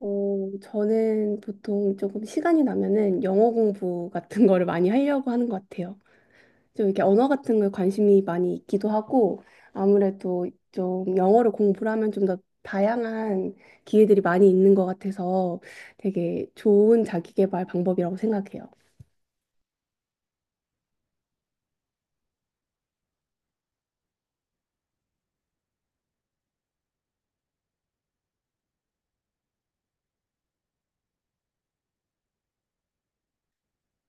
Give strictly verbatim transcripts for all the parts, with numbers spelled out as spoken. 어, 저는 보통 조금 시간이 나면은 영어 공부 같은 거를 많이 하려고 하는 것 같아요. 좀 이렇게 언어 같은 거에 관심이 많이 있기도 하고 아무래도 좀 영어를 공부를 하면 좀 더 다양한 기회들이 많이 있는 것 같아서 되게 좋은 자기계발 방법이라고 생각해요.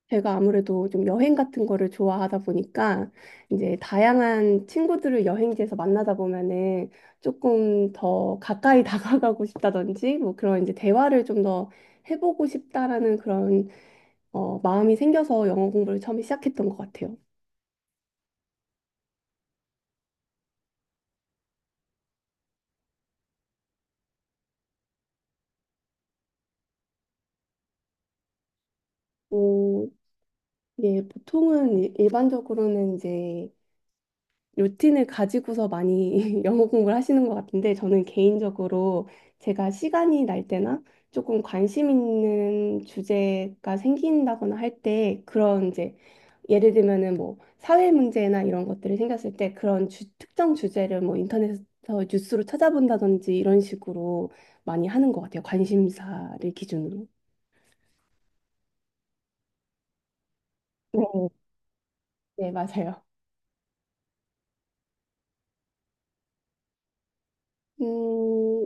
제가 아무래도 좀 여행 같은 거를 좋아하다 보니까 이제 다양한 친구들을 여행지에서 만나다 보면은 조금 더 가까이 다가가고 싶다든지 뭐 그런 이제 대화를 좀 더 해보고 싶다라는 그런 어, 마음이 생겨서 영어 공부를 처음에 시작했던 것 같아요. 어, 예, 보통은 일- 일반적으로는 이제 루틴을 가지고서 많이 영어 공부를 하시는 것 같은데 저는 개인적으로 제가 시간이 날 때나 조금 관심 있는 주제가 생긴다거나 할 때 그런 이제 예를 들면은 뭐 사회 문제나 이런 것들이 생겼을 때 그런 주, 특정 주제를 뭐 인터넷에서 뉴스로 찾아본다든지 이런 식으로 많이 하는 것 같아요. 관심사를 기준으로. 네, 네, 맞아요. 음,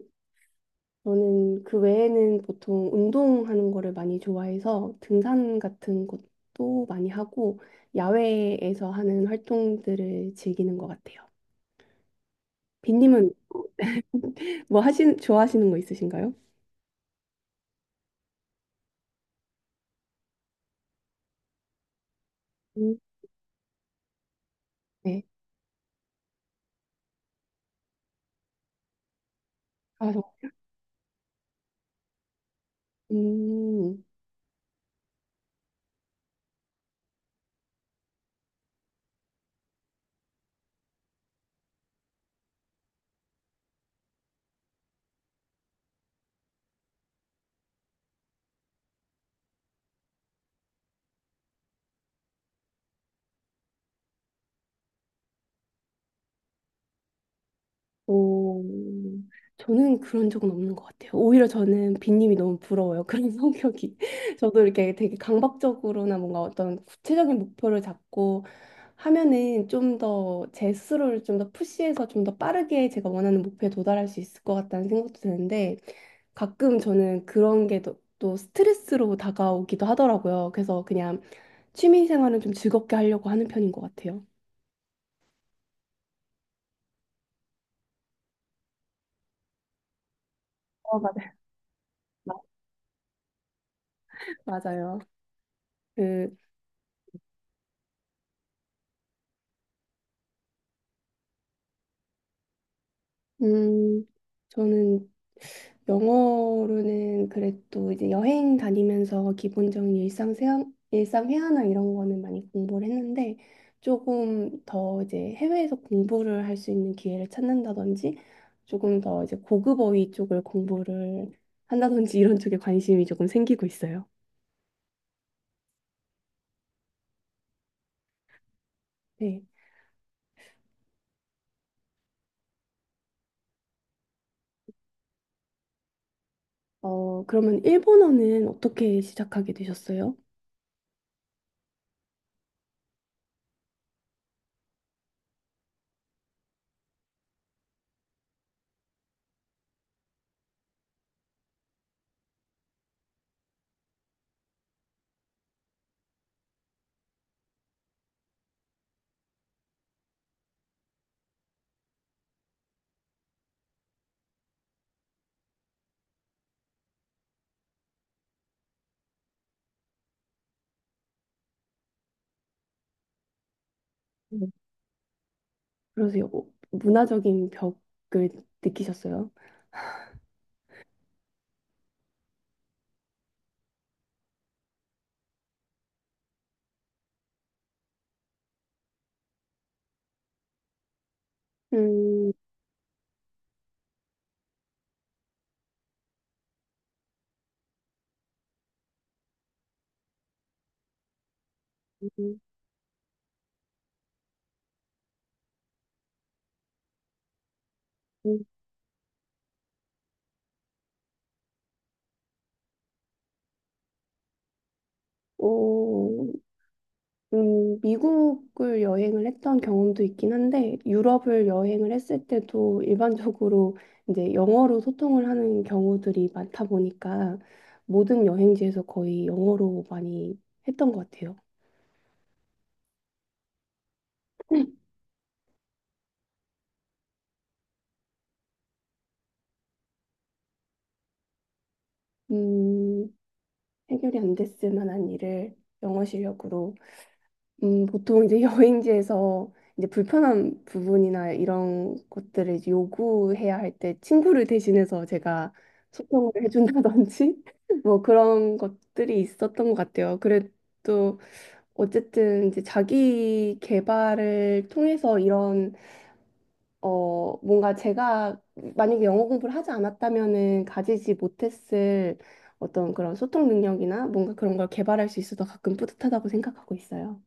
저는 그 외에는 보통 운동하는 거를 많이 좋아해서 등산 같은 것도 많이 하고 야외에서 하는 활동들을 즐기는 것 같아요. 빈님은 뭐 하신 좋아하시는 거 있으신가요? 음. 네. 아, 저, 음. 오, 저는 그런 적은 없는 것 같아요. 오히려 저는 빈님이 너무 부러워요. 그런 성격이. 저도 이렇게 되게 강박적으로나 뭔가 어떤 구체적인 목표를 잡고 하면은 좀 더 제 스스로를 좀 더 푸시해서 좀 더 빠르게 제가 원하는 목표에 도달할 수 있을 것 같다는 생각도 드는데 가끔 저는 그런 게 또 또 스트레스로 다가오기도 하더라고요. 그래서 그냥 취미 생활은 좀 즐겁게 하려고 하는 편인 것 같아요. 어, 맞아요. 맞아요. 그, 음, 저는 영어로는 그래도 이제 여행 다니면서 기본적인 일상 세안, 일상 회화나 이런 거는 많이 공부를 했는데 조금 더 이제 해외에서 공부를 할 수 있는 기회를 찾는다든지 조금 더 이제 고급 어휘 쪽을 공부를 한다든지 이런 쪽에 관심이 조금 생기고 있어요. 네. 어, 그러면 일본어는 어떻게 시작하게 되셨어요? 네. 그러세요. 뭐 문화적인 벽을 느끼셨어요? 음, 음, 오, 음, 미국을 여행을 했던 경험도 있긴 한데, 유럽을 여행을 했을 때도 일반적으로 이제 영어로 소통을 하는 경우들이 많다 보니까 모든 여행지에서 거의 영어로 많이 했던 것 같아요. 음, 해결이 안 됐을 만한 일을 영어 실력으로 음, 보통 이제 여행지에서 이제 불편한 부분이나 이런 것들을 이제 요구해야 할 때 친구를 대신해서 제가 소통을 해준다든지 뭐 그런 것들이 있었던 것 같아요. 그래도 어쨌든 이제 자기 개발을 통해서 이런 어 뭔가 제가 만약에 영어 공부를 하지 않았다면은 가지지 못했을 어떤 그런 소통 능력이나 뭔가 그런 걸 개발할 수 있어서 가끔 뿌듯하다고 생각하고 있어요.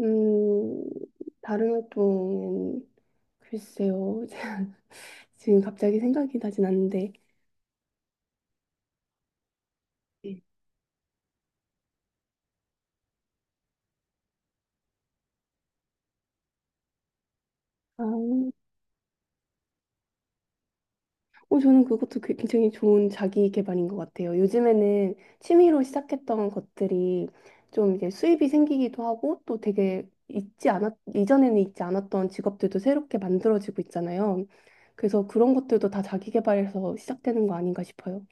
음, 다른 활동은 글쎄요. 지금 갑자기 생각이 나진 않는데. 네. 아, 어, 저는 그것도 그- 굉장히 좋은 자기 개발인 것 같아요. 요즘에는 취미로 시작했던 것들이 좀 이제 수입이 생기기도 하고 또 되게 있지 않았, 이전에는 있지 않았던 직업들도 새롭게 만들어지고 있잖아요. 그래서 그런 것들도 다 자기 개발에서 시작되는 거 아닌가 싶어요.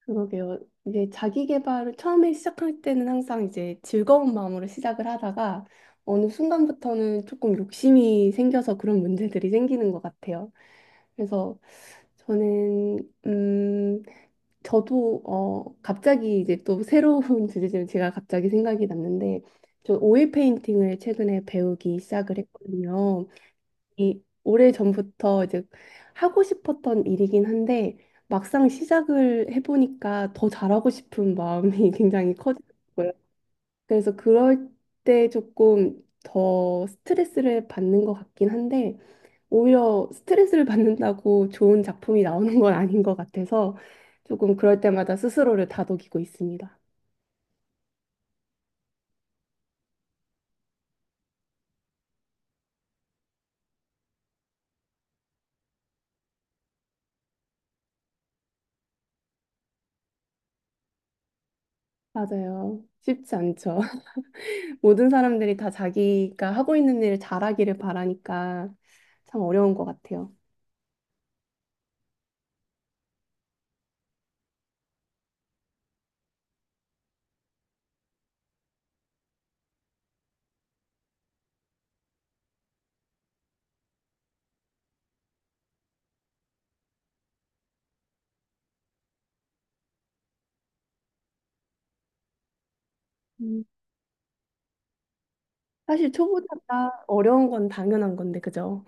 그러게요. 이제 자기 개발을 처음에 시작할 때는 항상 이제 즐거운 마음으로 시작을 하다가 어느 순간부터는 조금 욕심이 생겨서 그런 문제들이 생기는 것 같아요. 그래서 저는 음 저도 어 갑자기 이제 또 새로운 주제지만 제가 갑자기 생각이 났는데 저 오일 페인팅을 최근에 배우기 시작을 했거든요. 이 오래전부터 이제 하고 싶었던 일이긴 한데 막상 시작을 해보니까 더 잘하고 싶은 마음이 굉장히 커지고요. 그래서 그럴 때 조금 더 스트레스를 받는 것 같긴 한데 오히려 스트레스를 받는다고 좋은 작품이 나오는 건 아닌 것 같아서 조금 그럴 때마다 스스로를 다독이고 있습니다. 맞아요. 쉽지 않죠. 모든 사람들이 다 자기가 하고 있는 일을 잘하기를 바라니까 참 어려운 것 같아요. 음, 사실 초보자가 어려운 건 당연한 건데, 그죠?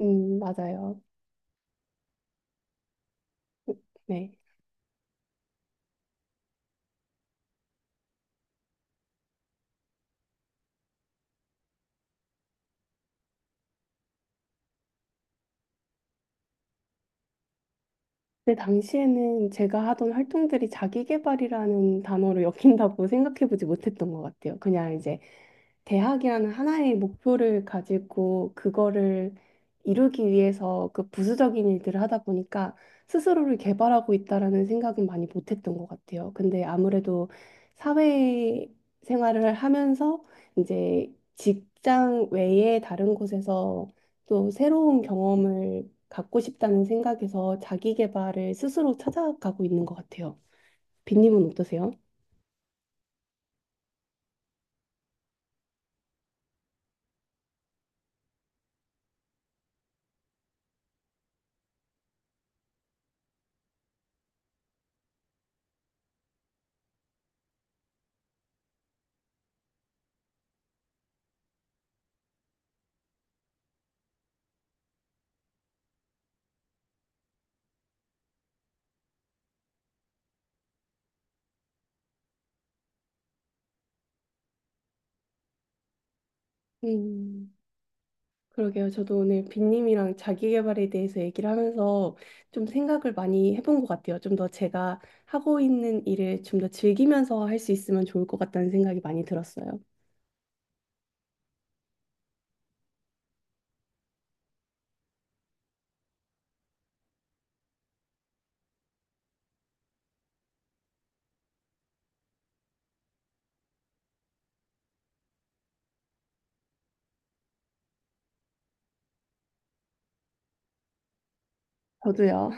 음, 맞아요. 네. 근데 당시에는 제가 하던 활동들이 자기계발이라는 단어로 엮인다고 생각해보지 못했던 것 같아요. 그냥 이제 대학이라는 하나의 목표를 가지고 그거를 이루기 위해서 그 부수적인 일들을 하다 보니까 스스로를 개발하고 있다라는 생각은 많이 못했던 것 같아요. 근데 아무래도 사회 생활을 하면서 이제 직장 외에 다른 곳에서 또 새로운 경험을 갖고 싶다는 생각에서 자기 개발을 스스로 찾아가고 있는 것 같아요. 빈님은 어떠세요? 음. 그러게요. 저도 오늘 빈님이랑 자기계발에 대해서 얘기를 하면서 좀 생각을 많이 해본 것 같아요. 좀 더 제가 하고 있는 일을 좀 더 즐기면서 할 수 있으면 좋을 것 같다는 생각이 많이 들었어요. 저도요.